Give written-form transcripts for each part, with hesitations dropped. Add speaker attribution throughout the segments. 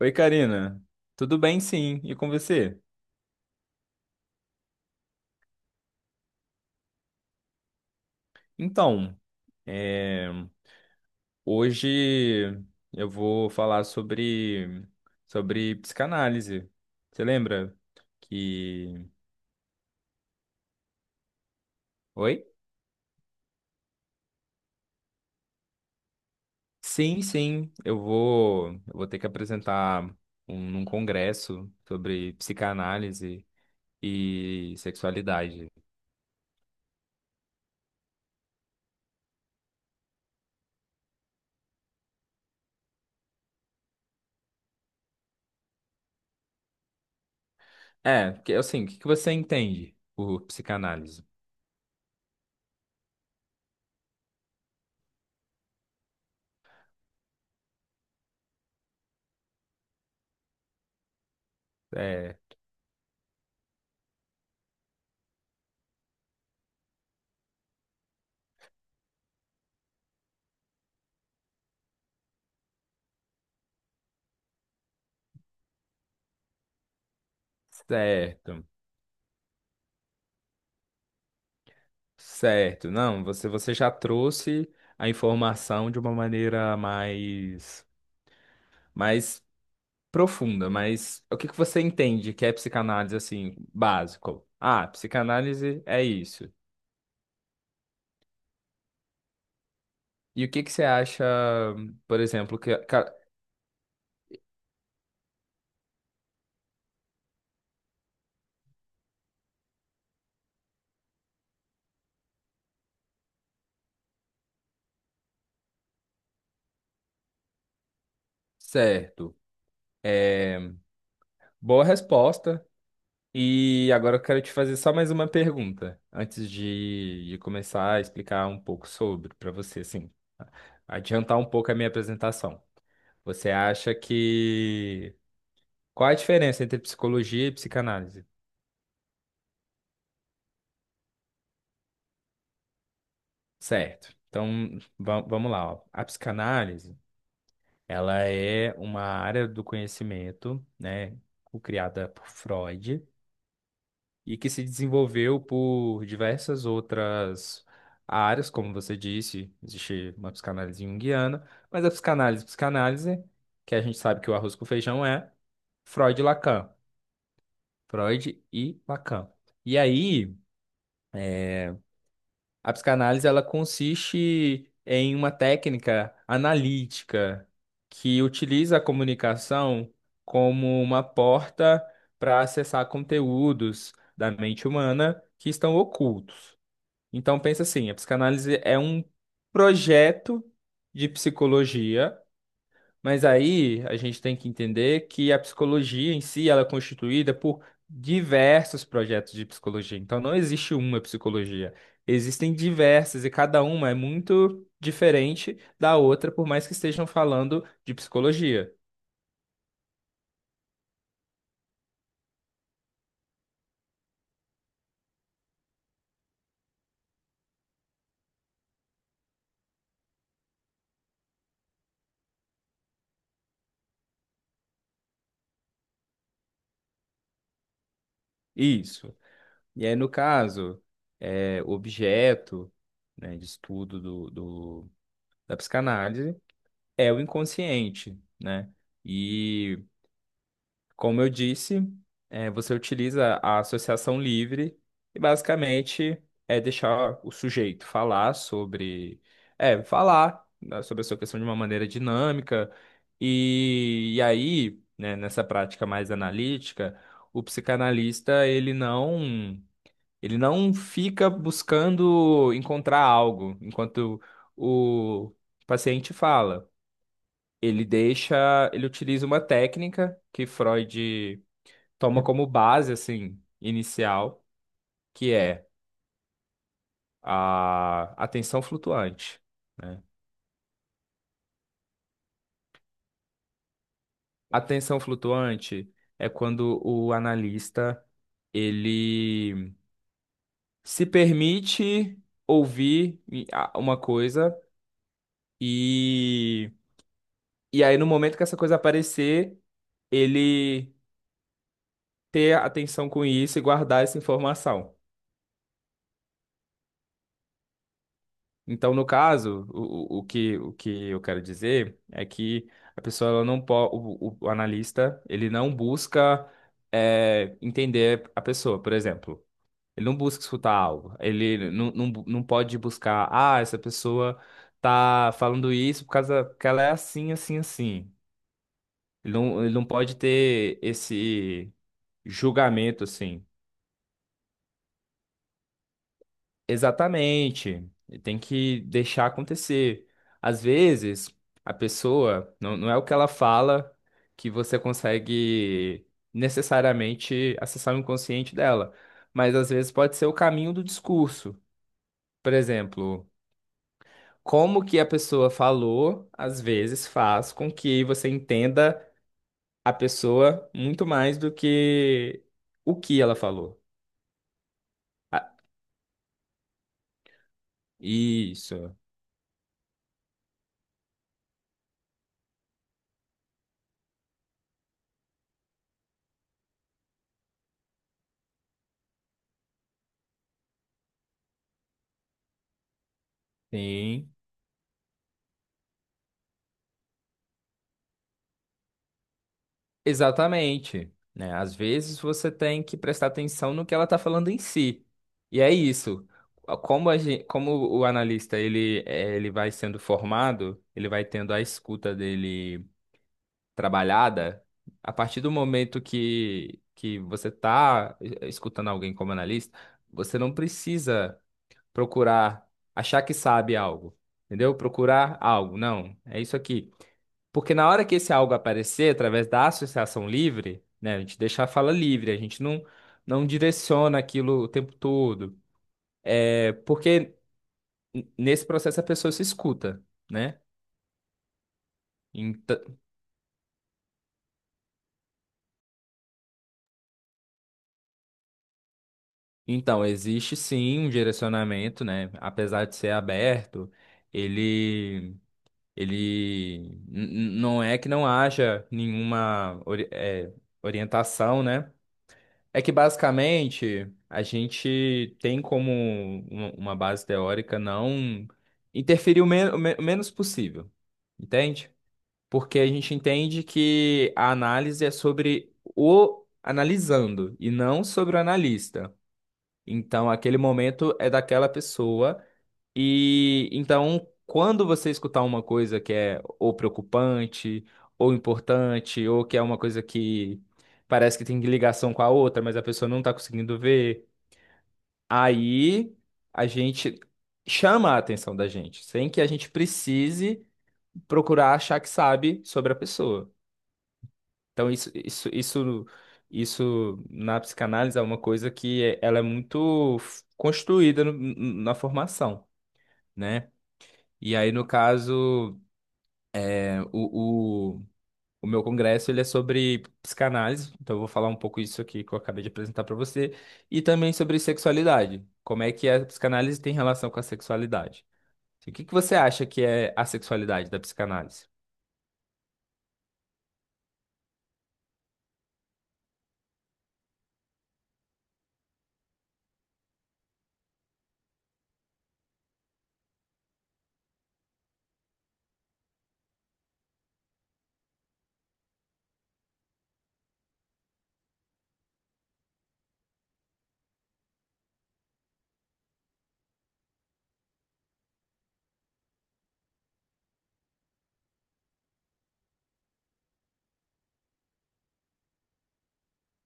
Speaker 1: Oi, Karina. Tudo bem, sim. E com você? Então, é, hoje eu vou falar sobre psicanálise. Você lembra que... Oi? Sim, sim. Eu vou ter que apresentar um, num congresso sobre psicanálise e sexualidade. É, porque assim, o que que você entende por psicanálise? É, certo. Certo, não, você já trouxe a informação de uma maneira mais profunda, mas o que que você entende que é psicanálise assim, básico? Ah, psicanálise é isso. E o que que você acha, por exemplo, certo, é boa resposta. E agora eu quero te fazer só mais uma pergunta, antes de começar a explicar um pouco sobre, para você, assim, adiantar um pouco a minha apresentação. Você acha que... Qual a diferença entre psicologia e psicanálise? Certo. Então, vamos lá, ó. A psicanálise, ela é uma área do conhecimento, né, criada por Freud, e que se desenvolveu por diversas outras áreas, como você disse, existe uma psicanálise junguiana, mas a psicanálise, psicanálise, que a gente sabe que o arroz com feijão é Freud e Lacan, Freud e Lacan. E aí, a psicanálise ela consiste em uma técnica analítica que utiliza a comunicação como uma porta para acessar conteúdos da mente humana que estão ocultos. Então pensa assim, a psicanálise é um projeto de psicologia, mas aí a gente tem que entender que a psicologia em si ela é constituída por diversos projetos de psicologia. Então não existe uma psicologia. Existem diversas e cada uma é muito diferente da outra, por mais que estejam falando de psicologia. Isso. E aí, no caso, é, o objeto, né, de estudo da psicanálise é o inconsciente, né? E, como eu disse, é, você utiliza a associação livre e basicamente é deixar o sujeito falar sobre, é, falar né, sobre a sua questão de uma maneira dinâmica. E aí, né, nessa prática mais analítica, o psicanalista, ele não fica buscando encontrar algo enquanto o paciente fala, ele deixa, ele utiliza uma técnica que Freud toma como base assim inicial, que é a atenção flutuante, né? A atenção flutuante é quando o analista ele se permite ouvir uma coisa e e aí no momento que essa coisa aparecer, ele ter atenção com isso e guardar essa informação. Então, no caso, o que eu quero dizer é que a pessoa ela não pode, o analista, ele não busca entender a pessoa, por exemplo. Ele não busca escutar algo. Ele não pode buscar, ah, essa pessoa tá falando isso por causa que ela é assim, assim, assim. Ele não pode ter esse julgamento, assim. Exatamente. E tem que deixar acontecer. Às vezes, a pessoa, não, não é o que ela fala que você consegue necessariamente acessar o inconsciente dela, mas às vezes pode ser o caminho do discurso. Por exemplo, como que a pessoa falou, às vezes faz com que você entenda a pessoa muito mais do que o que ela falou. Ah, isso. Sim. Exatamente, né? Às vezes você tem que prestar atenção no que ela está falando em si. E é isso. Como a gente, como o analista ele, ele vai sendo formado, ele vai tendo a escuta dele trabalhada, a partir do momento que você está escutando alguém como analista, você não precisa procurar achar que sabe algo, entendeu? Procurar algo, não. É isso aqui. Porque na hora que esse algo aparecer, através da associação livre, né, a gente deixa a fala livre, a gente não, não direciona aquilo o tempo todo. É porque nesse processo a pessoa se escuta, né? Enta- Então, existe sim um direcionamento, né? Apesar de ser aberto, ele, ele não é que não haja nenhuma orientação, né? É que basicamente a gente tem como uma base teórica não interferir o, o menos possível, entende? Porque a gente entende que a análise é sobre o analisando e não sobre o analista. Então, aquele momento é daquela pessoa e então, quando você escutar uma coisa que é ou preocupante, ou importante, ou que é uma coisa que parece que tem ligação com a outra, mas a pessoa não está conseguindo ver, aí a gente chama a atenção da gente, sem que a gente precise procurar achar que sabe sobre a pessoa. Então, isso na psicanálise é uma coisa que ela é muito construída na formação, né? E aí, no caso. O, o, o meu congresso ele é sobre psicanálise, então eu vou falar um pouco isso aqui que eu acabei de apresentar para você, e também sobre sexualidade. Como é que a psicanálise tem relação com a sexualidade? O que que você acha que é a sexualidade da psicanálise?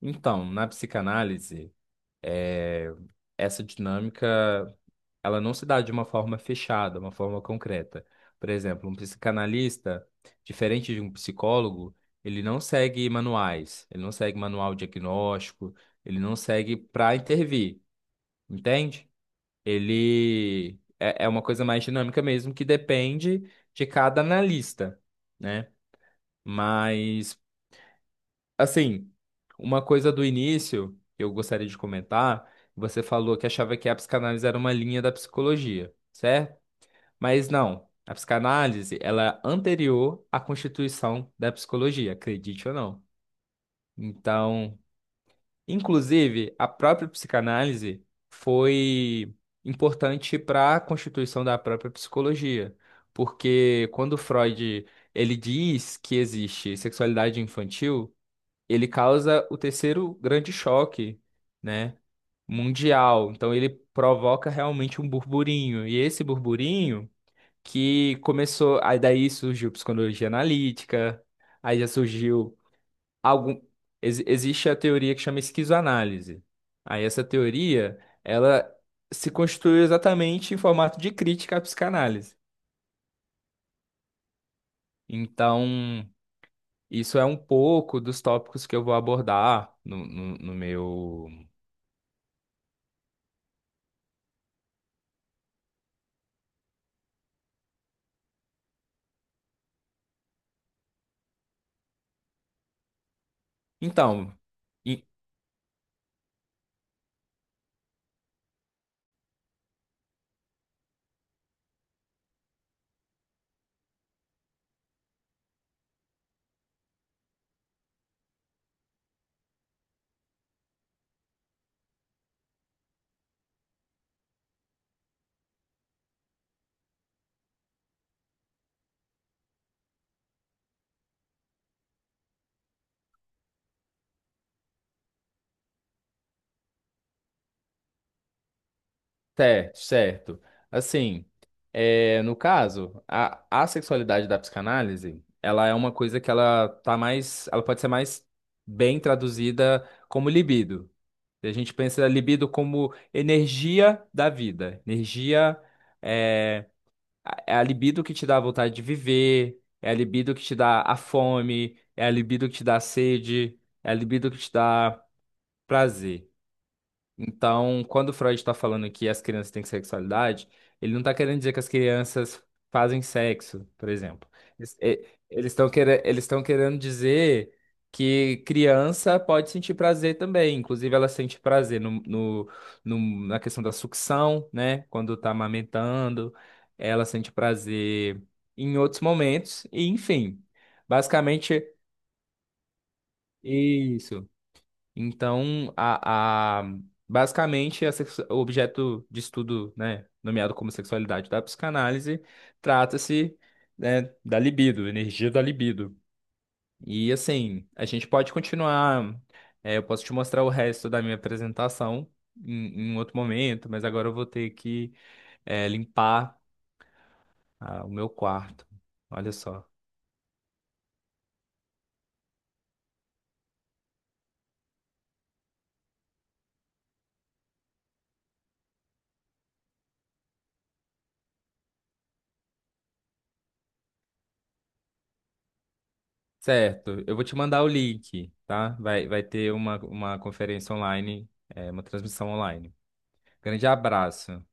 Speaker 1: Então, na psicanálise. É, essa dinâmica, ela não se dá de uma forma fechada, uma forma concreta. Por exemplo, um psicanalista, diferente de um psicólogo, ele não segue manuais, ele não segue manual diagnóstico, ele não segue para intervir, entende? Ele é, é uma coisa mais dinâmica mesmo, que depende de cada analista, né? Mas assim, uma coisa do início que eu gostaria de comentar, você falou que achava que a psicanálise era uma linha da psicologia, certo? Mas não, a psicanálise, ela é anterior à constituição da psicologia, acredite ou não. Então, inclusive, a própria psicanálise foi importante para a constituição da própria psicologia, porque quando Freud, ele diz que existe sexualidade infantil, ele causa o terceiro grande choque, né, mundial. Então ele provoca realmente um burburinho. E esse burburinho que começou, aí daí surgiu psicologia analítica, aí já surgiu algum existe a teoria que chama esquizoanálise. Aí essa teoria, ela se construiu exatamente em formato de crítica à psicanálise. Então, isso é um pouco dos tópicos que eu vou abordar no meu. Então, e- certo. Assim, é, no caso, a sexualidade da psicanálise, ela é uma coisa que ela tá mais, ela pode ser mais bem traduzida como libido. E a gente pensa libido como energia da vida, energia é, é a libido que te dá a vontade de viver, é a libido que te dá a fome, é a libido que te dá a sede, é a libido que te dá prazer. Então, quando Freud está falando que as crianças têm sexualidade, ele não está querendo dizer que as crianças fazem sexo, por exemplo. Eles estão querendo dizer que criança pode sentir prazer também. Inclusive, ela sente prazer na questão da sucção, né? Quando está amamentando, ela sente prazer em outros momentos, e enfim. Basicamente, isso. Então, basicamente, o objeto de estudo, né, nomeado como sexualidade da psicanálise, trata-se, né, da libido, energia da libido. E assim, a gente pode continuar. É, eu posso te mostrar o resto da minha apresentação em um outro momento, mas agora eu vou ter que, é, limpar, ah, o meu quarto. Olha só. Certo, eu vou te mandar o link, tá? Vai ter uma conferência online, é, uma transmissão online. Grande abraço.